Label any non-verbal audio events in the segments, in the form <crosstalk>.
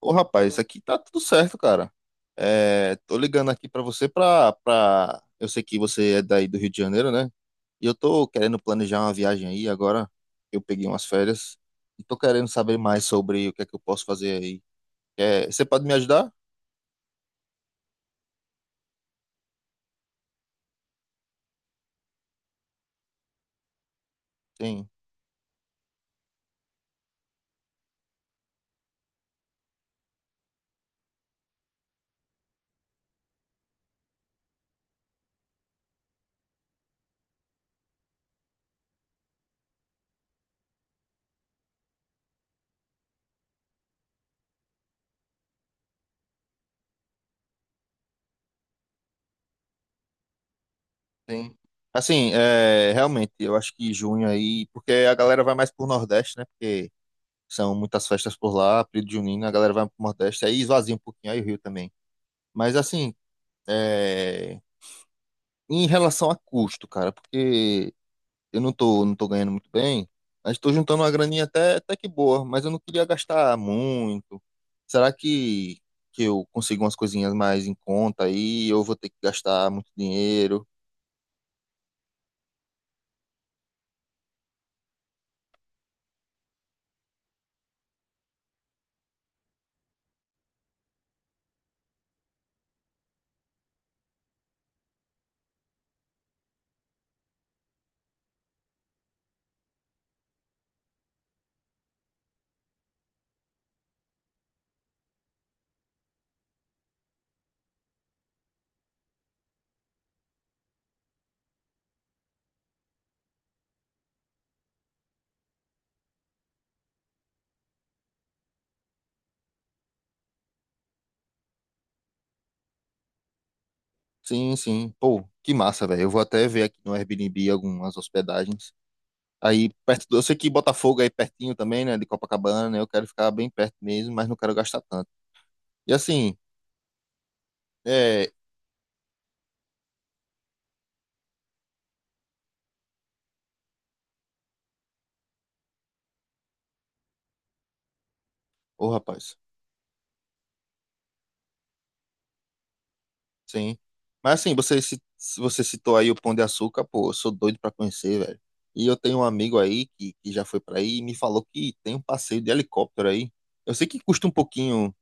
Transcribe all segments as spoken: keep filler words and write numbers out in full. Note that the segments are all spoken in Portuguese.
Ô, rapaz, isso aqui tá tudo certo, cara. É, tô ligando aqui pra você pra, pra... Eu sei que você é daí do Rio de Janeiro, né? E eu tô querendo planejar uma viagem aí agora. Eu peguei umas férias e tô querendo saber mais sobre o que é que eu posso fazer aí. É, você pode me ajudar? Sim, sim. Assim, é, realmente, eu acho que junho aí... Porque a galera vai mais pro Nordeste, né? Porque são muitas festas por lá, período junino, a galera vai pro Nordeste. Aí esvazia um pouquinho, aí o Rio também. Mas assim... É... Em relação a custo, cara, porque eu não tô, não tô ganhando muito bem, mas tô juntando uma graninha até, até que boa, mas eu não queria gastar muito. Será que, que eu consigo umas coisinhas mais em conta aí? Eu vou ter que gastar muito dinheiro? Sim, sim. Pô, que massa, velho. Eu vou até ver aqui no Airbnb algumas hospedagens. Aí, perto do... Eu sei que Botafogo é aí pertinho também, né? De Copacabana, né? Eu quero ficar bem perto mesmo, mas não quero gastar tanto. E assim, é... Ô, rapaz. Sim. Mas assim, você, ci- se você citou aí o Pão de Açúcar, pô, eu sou doido pra conhecer, velho. E eu tenho um amigo aí que, que já foi pra aí e me falou que tem um passeio de helicóptero aí. Eu sei que custa um pouquinho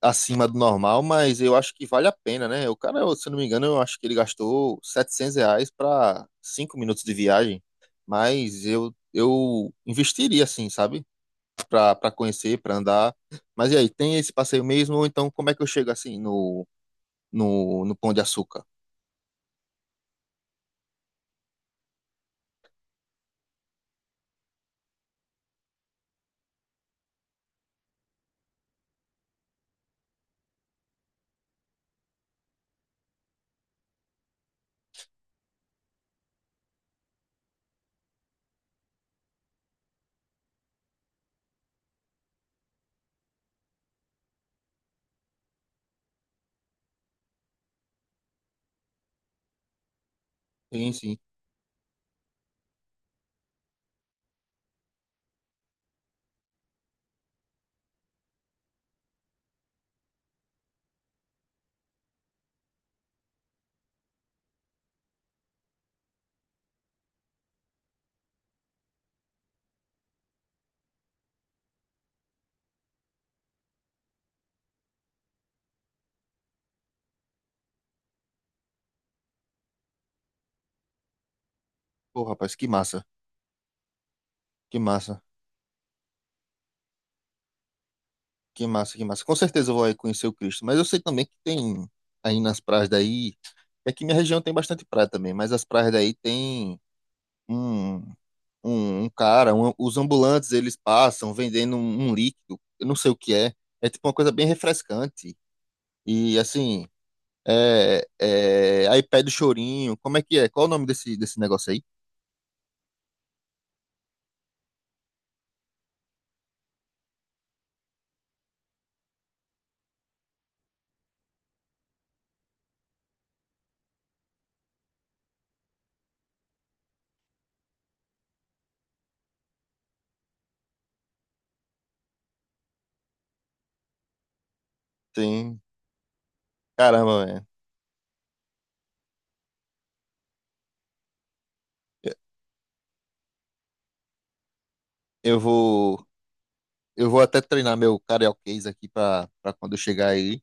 acima do normal, mas eu acho que vale a pena, né? O cara, eu- se eu não me engano, eu acho que ele gastou setecentos reais pra cinco minutos de viagem. Mas eu, eu investiria, assim, sabe? Pra, pra conhecer, pra andar. Mas e aí, tem esse passeio mesmo? Ou então, como é que eu chego assim no, no, no Pão de Açúcar? Sim, sim. Pô, rapaz, que massa, que massa, que massa, que massa. Com certeza eu vou aí conhecer o Cristo, mas eu sei também que tem aí nas praias daí, é que minha região tem bastante praia também, mas as praias daí tem um, um, um cara, um- os ambulantes eles passam vendendo um, um líquido, eu não sei o que é, é tipo uma coisa bem refrescante. E assim, é, é, aí pede o chorinho, como é que é? Qual o nome desse, desse negócio aí? Tem, caramba, velho. Eu vou. Eu vou até treinar meu carioquês aqui pra, pra quando eu chegar aí,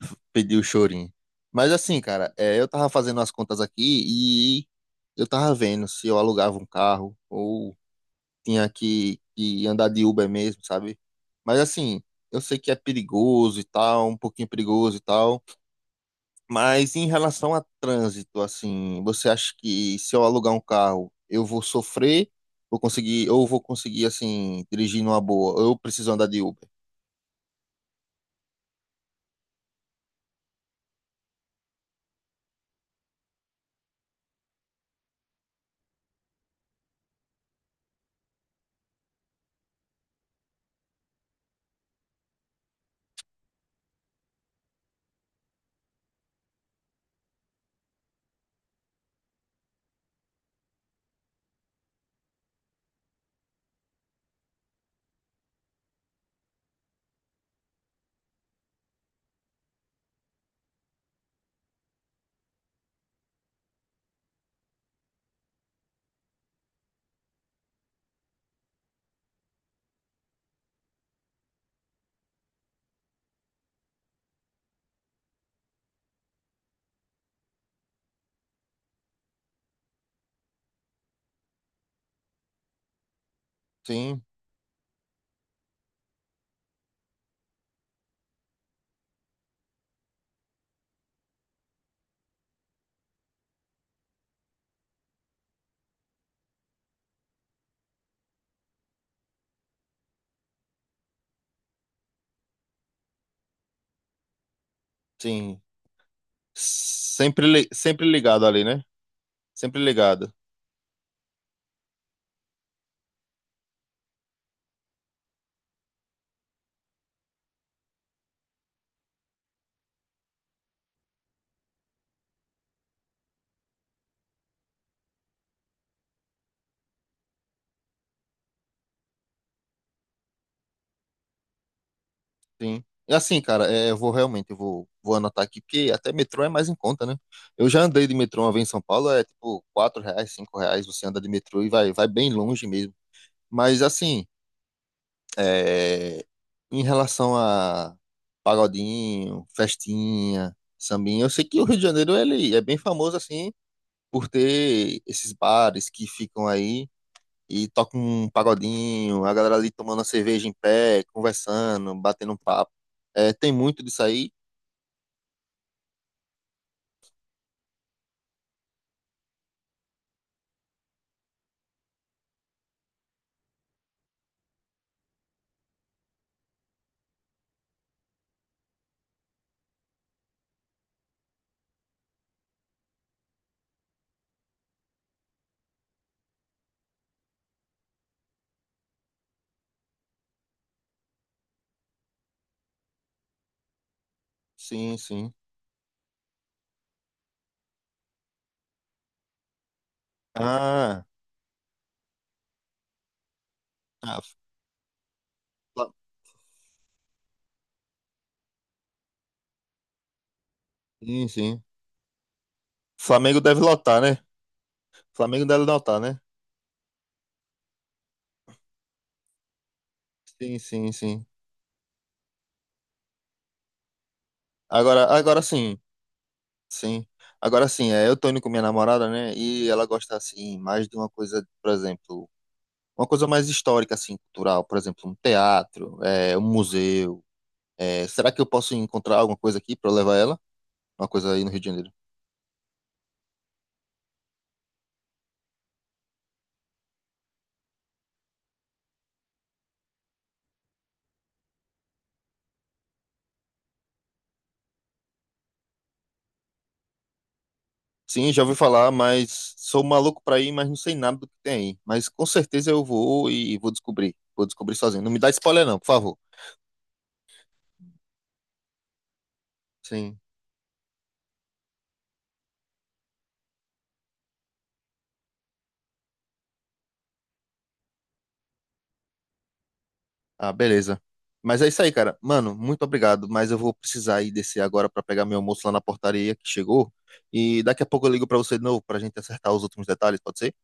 <laughs> pedir o chorinho. Mas assim, cara, é, eu tava fazendo as contas aqui e eu tava vendo se eu alugava um carro ou tinha que, que andar de Uber mesmo, sabe? Mas assim, eu sei que é perigoso e tal, um pouquinho perigoso e tal, mas em relação a trânsito, assim, você acha que se eu alugar um carro, eu vou sofrer, vou conseguir, ou vou conseguir, assim, dirigir numa boa, ou eu preciso andar de Uber? Sim. Sim. Sempre, li- sempre ligado ali, né? Sempre ligado. Sim. E assim, cara, é, eu vou realmente, eu vou, vou anotar aqui, porque até metrô é mais em conta, né? Eu já andei de metrô uma vez em São Paulo, é tipo quatro reais, cinco reais, você anda de metrô e vai, vai bem longe mesmo. Mas assim, é, em relação a pagodinho, festinha, sambinha, eu sei que o Rio de Janeiro, ele é bem famoso, assim, por ter esses bares que ficam aí e toca um pagodinho, a galera ali tomando a cerveja em pé, conversando, batendo um papo. É, tem muito disso aí? Sim, sim. Ah, ah, Fla- sim, sim. Flamengo deve lotar, né? Flamengo deve lotar, né? Sim, sim, sim. Agora, agora sim, sim. Agora sim, é, eu tô indo com minha namorada, né? E ela gosta, assim, mais de uma coisa, por exemplo, uma coisa mais histórica, assim, cultural. Por exemplo, um teatro, é, um museu. É, será que eu posso encontrar alguma coisa aqui pra eu levar ela? Uma coisa aí no Rio de Janeiro. Sim, já ouvi falar, mas sou maluco pra ir, mas não sei nada do que tem aí. Mas com certeza eu vou e vou descobrir. Vou descobrir sozinho. Não me dá spoiler não, por favor. Sim. Ah, beleza. Mas é isso aí, cara. Mano, muito obrigado, mas eu vou precisar ir descer agora pra pegar meu almoço lá na portaria que chegou. E daqui a pouco eu ligo pra você de novo pra gente acertar os últimos detalhes, pode ser?